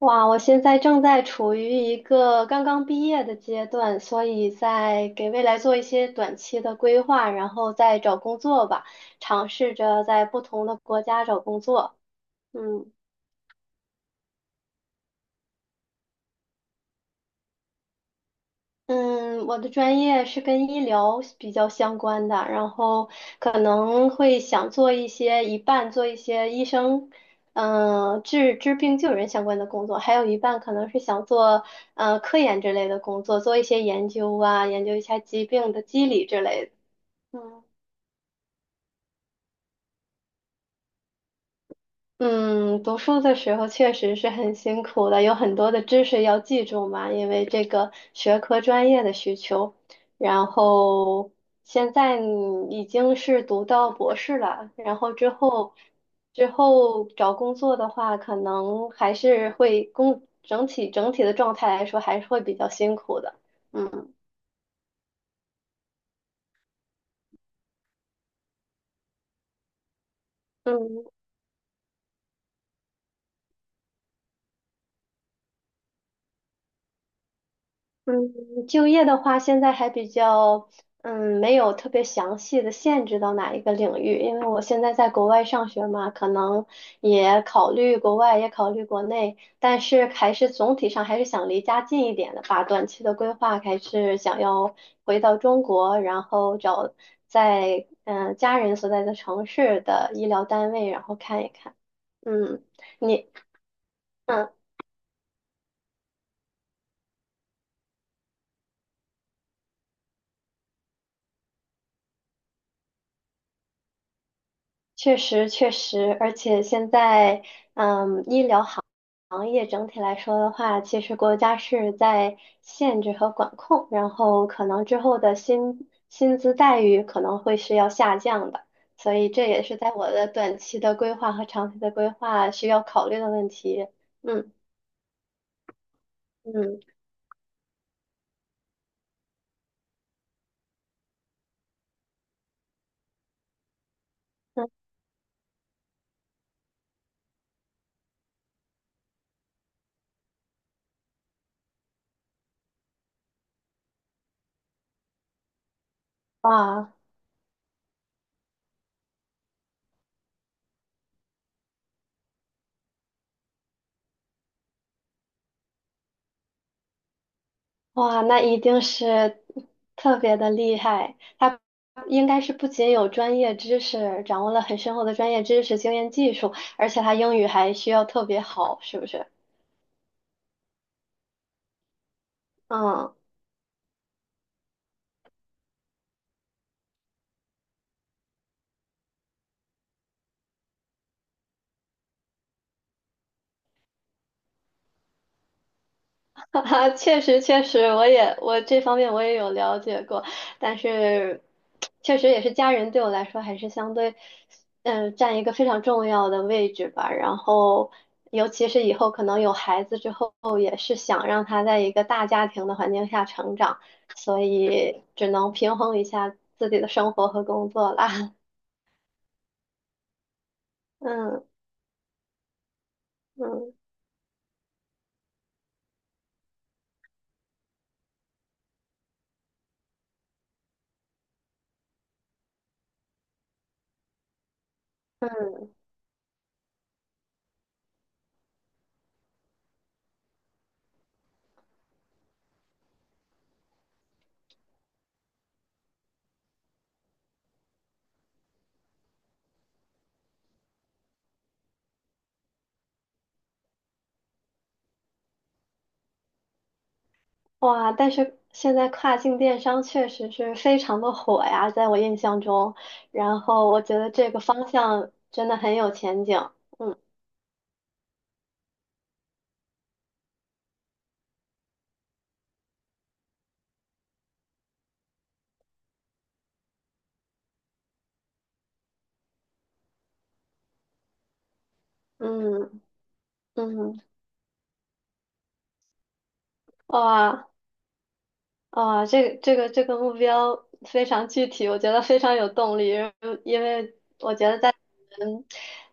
哇，我现在正在处于一个刚刚毕业的阶段，所以在给未来做一些短期的规划，然后再找工作吧，尝试着在不同的国家找工作。嗯。嗯，我的专业是跟医疗比较相关的，然后可能会想做一些一半做一些医生，治病救人相关的工作，还有一半可能是想做科研之类的工作，做一些研究啊，研究一下疾病的机理之类的。嗯嗯，读书的时候确实是很辛苦的，有很多的知识要记住嘛，因为这个学科专业的需求。然后现在你已经是读到博士了，然后之后找工作的话，可能还是会工整体整体的状态来说还是会比较辛苦的。嗯嗯，嗯，就业的话，现在还比较，没有特别详细的限制到哪一个领域，因为我现在在国外上学嘛，可能也考虑国外，也考虑国内，但是还是总体上还是想离家近一点的吧。短期的规划还是想要回到中国，然后找在家人所在的城市的医疗单位，然后看一看。嗯，你。嗯确实，确实，而且现在，医疗行业整体来说的话，其实国家是在限制和管控，然后可能之后的薪资待遇可能会是要下降的，所以这也是在我的短期的规划和长期的规划需要考虑的问题。嗯嗯嗯，哇。哇，那一定是特别的厉害。他应该是不仅有专业知识，掌握了很深厚的专业知识、经验、技术，而且他英语还需要特别好，是不是？嗯。哈哈，确实确实，我这方面我也有了解过，但是确实也是家人对我来说还是相对，占一个非常重要的位置吧。然后，尤其是以后可能有孩子之后，也是想让他在一个大家庭的环境下成长，所以只能平衡一下自己的生活和工作啦。嗯嗯。哇，但是现在跨境电商确实是非常的火呀，在我印象中，然后我觉得这个方向真的很有前景。嗯嗯嗯，哇哇，这个目标非常具体，我觉得非常有动力，因为我觉得在我们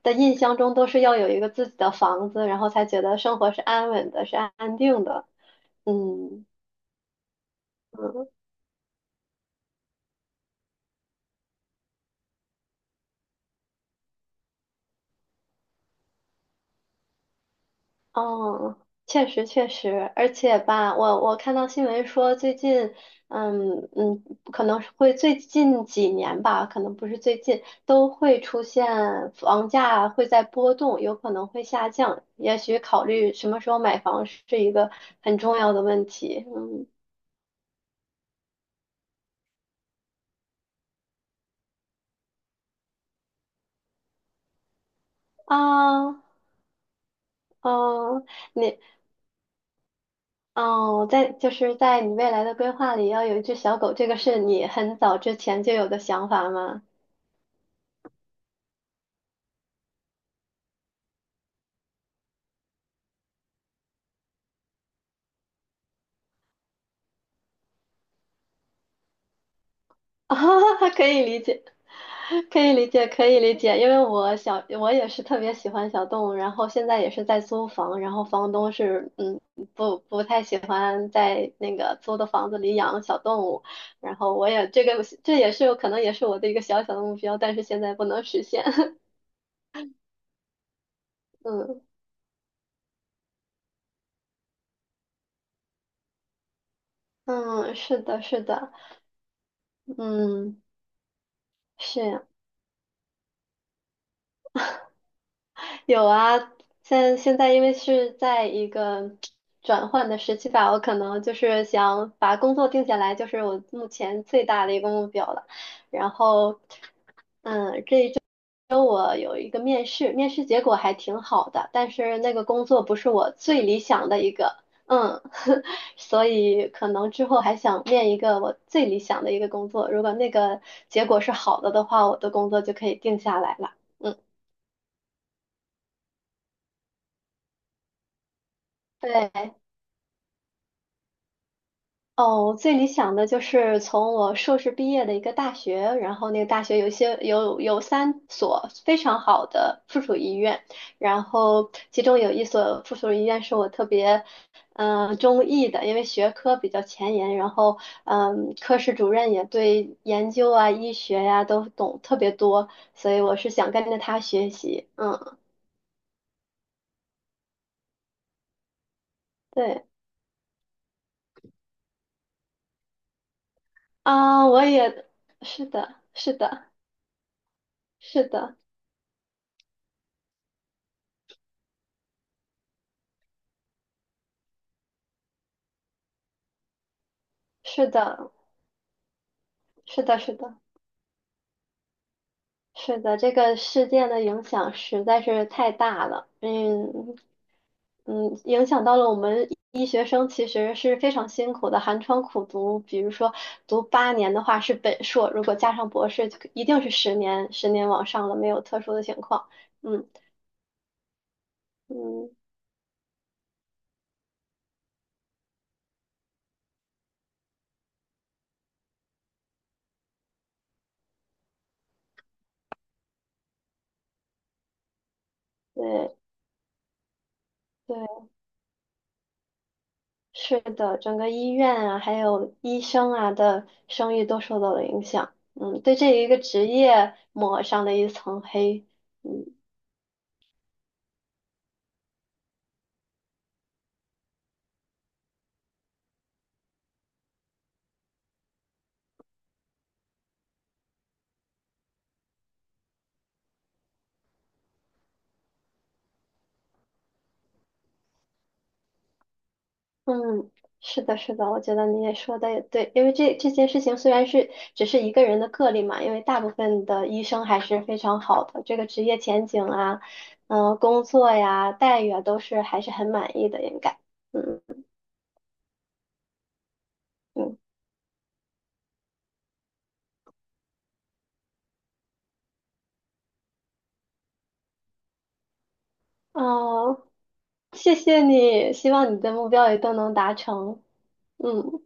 的印象中都是要有一个自己的房子，然后才觉得生活是安稳的，是安定的。嗯嗯哦，确实确实，而且吧，我看到新闻说最近，嗯嗯，可能是会最近几年吧，可能不是最近，都会出现房价会在波动，有可能会下降，也许考虑什么时候买房是一个很重要的问题。嗯啊，哦，你哦，就是在你未来的规划里要有一只小狗，这个是你很早之前就有的想法吗？啊，可以理解，可以理解，可以理解，因为我也是特别喜欢小动物，然后现在也是在租房，然后房东是，不太喜欢在那个租的房子里养小动物，然后我也这个这也是可能也是我的一个小小的目标，但是现在不能实现，嗯嗯，是的，是的，嗯。是呀。有啊，现在因为是在一个转换的时期吧，我可能就是想把工作定下来，就是我目前最大的一个目标了。然后跟我有一个面试，面试结果还挺好的，但是那个工作不是我最理想的一个，嗯，所以可能之后还想面一个我最理想的一个工作，如果那个结果是好的的话，我的工作就可以定下来了。嗯，对。哦，我最理想的就是从我硕士毕业的一个大学，然后那个大学有一些有有三所非常好的附属医院，然后其中有一所附属医院是我特别中意的，因为学科比较前沿，然后科室主任也对研究啊、医学呀、都懂特别多，所以我是想跟着他学习。嗯，对啊，我也是的，是的，是的，是的，是的，是的。是的，这个事件的影响实在是太大了，嗯嗯，影响到了我们医学生其实是非常辛苦的，寒窗苦读。比如说读8年的话是本硕，如果加上博士，一定是十年，十年往上了，没有特殊的情况。嗯嗯，对对，是的，整个医院啊，还有医生啊的声誉都受到了影响。嗯，对这一个职业抹上了一层黑。嗯，是的，是的，我觉得你也说的也对，因为这件事情虽然是只是一个人的个例嘛，因为大部分的医生还是非常好的，这个职业前景啊，工作呀，待遇啊，都是还是很满意的，应该，嗯嗯，哦，谢谢你，希望你的目标也都能达成，嗯，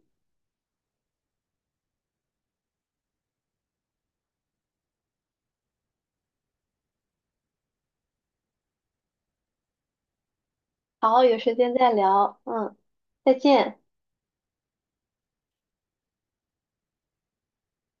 好，有时间再聊，嗯，再见。